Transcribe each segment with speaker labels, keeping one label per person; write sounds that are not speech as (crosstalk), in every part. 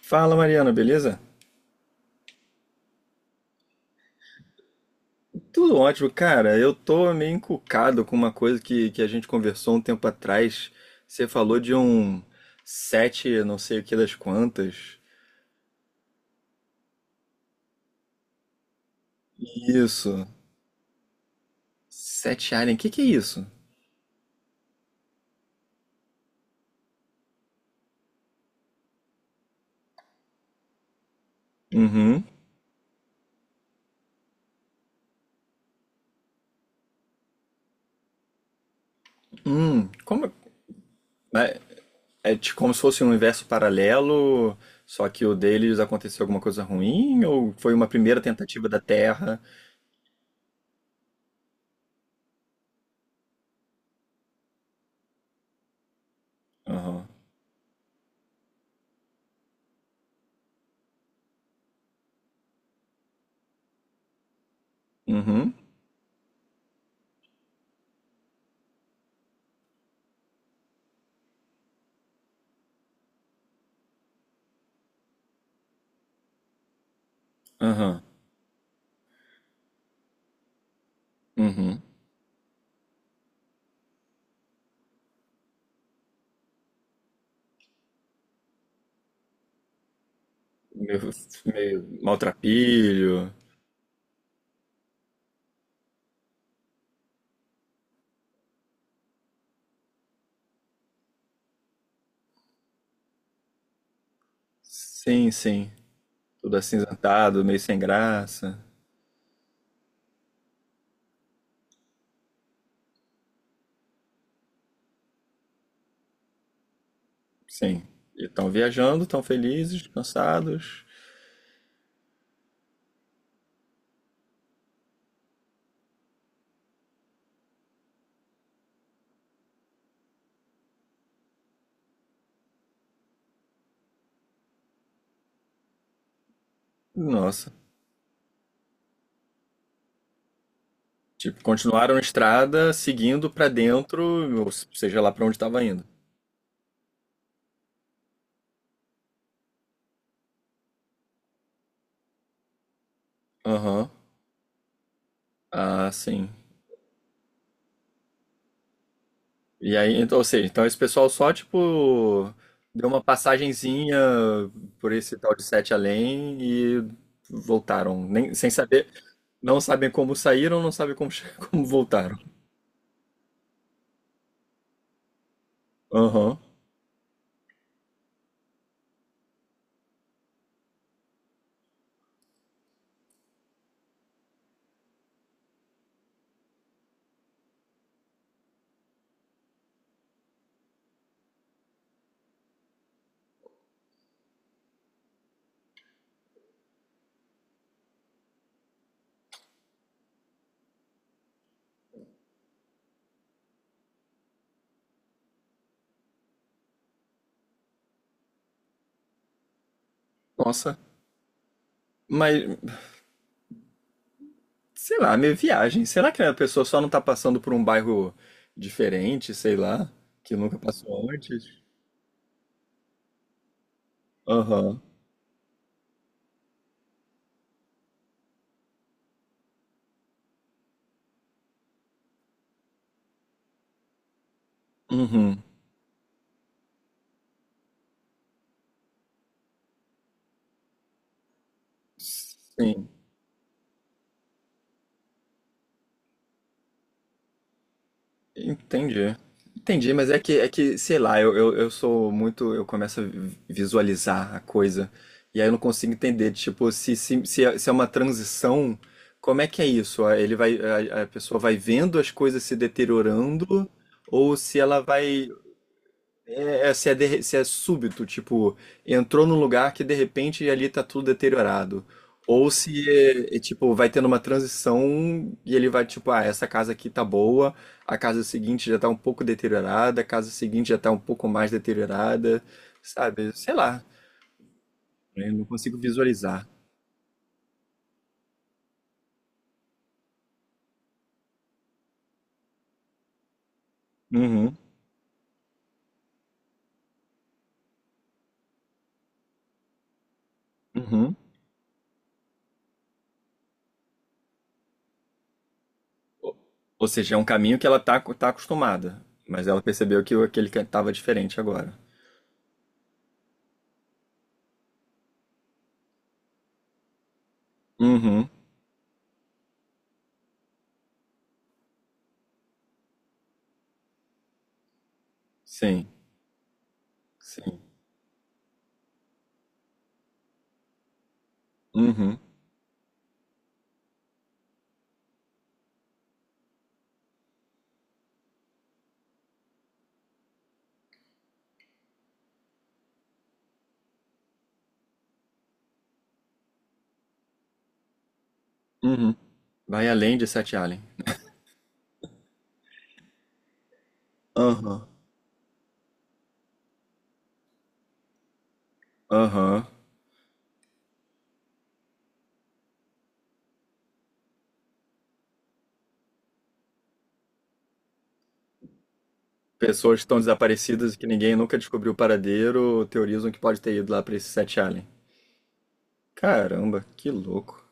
Speaker 1: Fala, Mariana, beleza? Tudo ótimo, cara. Eu tô meio encucado com uma coisa que a gente conversou um tempo atrás. Você falou de um sete, não sei o que das quantas. Isso. Sete Alien, o que que é isso? Uhum. Como é, né, é tipo como se fosse um universo paralelo, só que o deles aconteceu alguma coisa ruim ou foi uma primeira tentativa da Terra? Aham. Uhum. Aham. Uhum. Meio, meio maltrapilho. Sim, sim. Tudo acinzentado, meio sem graça. Sim. E estão viajando, estão felizes, cansados. Nossa. Tipo, continuaram a estrada seguindo pra dentro, ou seja lá pra onde estava indo. Aham. Ah, sim. E aí, então, ou seja, então esse pessoal só, tipo, deu uma passagenzinha por esse tal de Sete Além e voltaram. Nem, sem saber, não sabem como saíram, não sabem como, (laughs) como voltaram. Aham. Nossa. Mas, sei lá, meio viagem. Será que a pessoa só não tá passando por um bairro diferente, sei lá, que nunca passou antes? Aham. Uhum. Sim, entendi. Entendi, mas é que, sei lá, eu sou muito. Eu começo a visualizar a coisa. E aí eu não consigo entender, tipo, se se é uma transição, como é que é isso? Ah, a pessoa vai vendo as coisas se deteriorando, ou se ela vai. Se é, se é súbito, tipo, entrou num lugar que de repente ali tá tudo deteriorado. Ou se tipo, vai tendo uma transição e ele vai, tipo, ah, essa casa aqui tá boa, a casa seguinte já tá um pouco deteriorada, a casa seguinte já tá um pouco mais deteriorada, sabe? Sei lá, eu não consigo visualizar. Uhum, uhum. Ou ou seja, é um caminho que ela tá acostumada, mas ela percebeu que aquele que tava diferente agora. Uhum, sim, sim. Uhum. Uhum. Vai além de Sete Alien. Aham. Aham. Pessoas que estão desaparecidas e que ninguém nunca descobriu o paradeiro teorizam que pode ter ido lá pra esse Sete Alien. Caramba, que louco.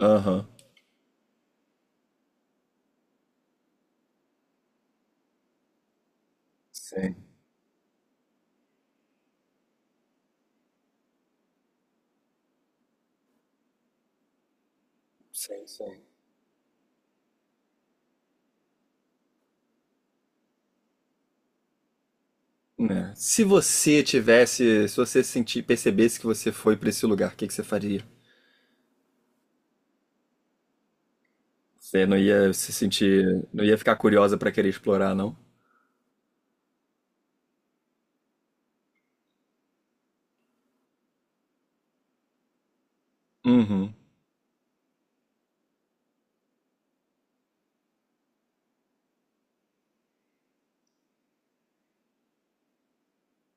Speaker 1: Aham. Sim, sim, sim. Né. Se você tivesse, se você sentir, percebesse que você foi pra esse lugar, o que que você faria? Você não ia se sentir, não ia ficar curiosa pra querer explorar, não? Uhum,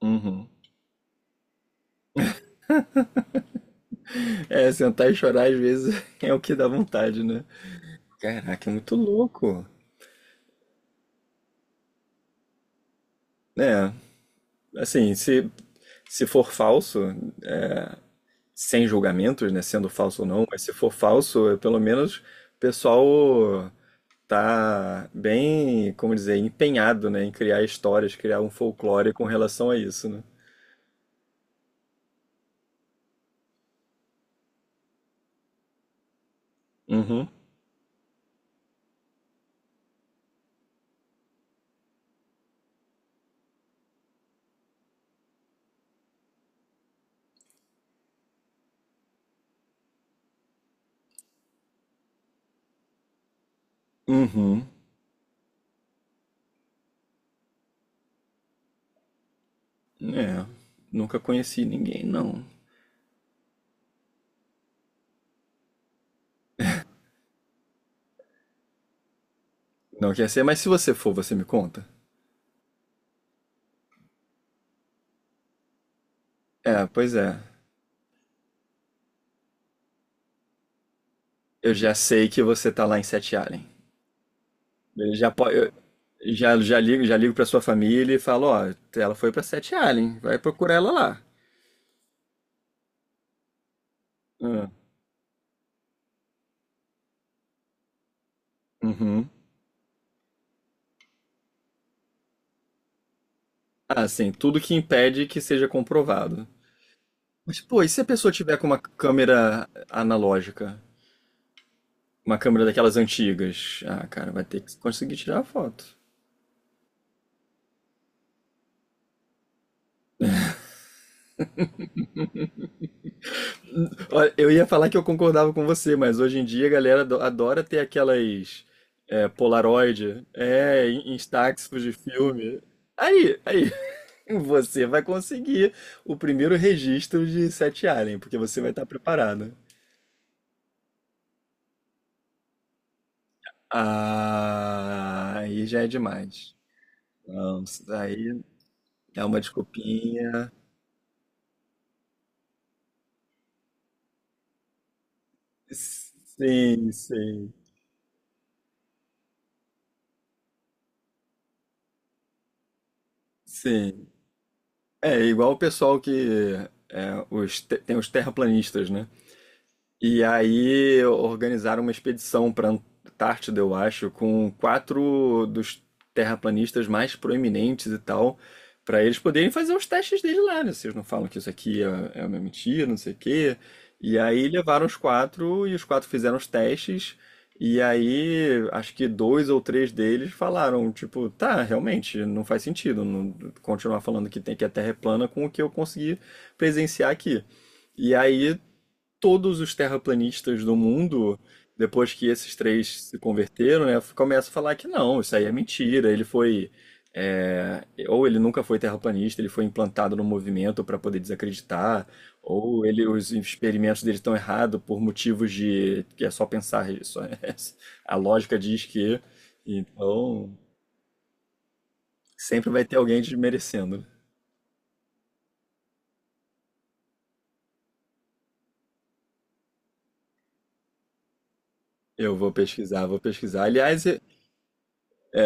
Speaker 1: uhum. É, sentar e chorar às vezes (laughs) é o que dá vontade, né? Caraca, é muito louco. É, assim, se for falso, é, sem julgamentos, né, sendo falso ou não, mas se for falso, é, pelo menos o pessoal tá bem, como dizer, empenhado, né, em criar histórias, criar um folclore com relação a isso, né? Uhum. Uhum. É, nunca conheci ninguém, não. Não quer ser, mas se você for, você me conta? É, pois é. Eu já sei que você tá lá em Sete Allen. Ele já pode, já já ligo para sua família e falo, ó, ela foi para Sete Allen, vai procurar ela lá. Ah, uhum. Ah, sim, tudo que impede que seja comprovado. Mas pô, e se a pessoa tiver com uma câmera analógica? Uma câmera daquelas antigas. Ah, cara, vai ter que conseguir tirar a foto. Olha, eu ia falar que eu concordava com você, mas hoje em dia a galera adora ter aquelas é, Polaroid, é, Instax de filme. Aí, aí. Você vai conseguir o primeiro registro de Sete Alien, porque você vai estar preparado. Ah, aí já é demais. Não, isso daí é uma desculpinha. Sim, sim, sim. É igual o pessoal que é, tem os terraplanistas, né? E aí organizaram uma expedição para Antártida, eu acho, com quatro dos terraplanistas mais proeminentes e tal, para eles poderem fazer os testes dele lá, né? Vocês não falam que isso aqui é uma mentira, não sei o quê. E aí levaram os quatro e os quatro fizeram os testes. E aí, acho que dois ou três deles falaram, tipo, tá, realmente, não faz sentido continuar falando que tem que a Terra é plana com o que eu consegui presenciar aqui. E aí todos os terraplanistas do mundo, depois que esses três se converteram, né, começam a falar que não, isso aí é mentira, ele foi. É, ou ele nunca foi terraplanista, ele foi implantado no movimento para poder desacreditar, ou ele, os experimentos dele estão errados por motivos de que é só pensar isso. Né? (laughs) A lógica diz que. Então, sempre vai ter alguém desmerecendo. Eu vou pesquisar, vou pesquisar. Aliás, eu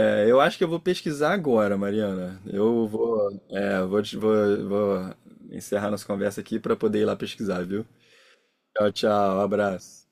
Speaker 1: é, eu acho que eu vou pesquisar agora, Mariana. Eu vou, vou, vou, vou encerrar nossa conversa aqui para poder ir lá pesquisar, viu? Tchau, tchau, abraço.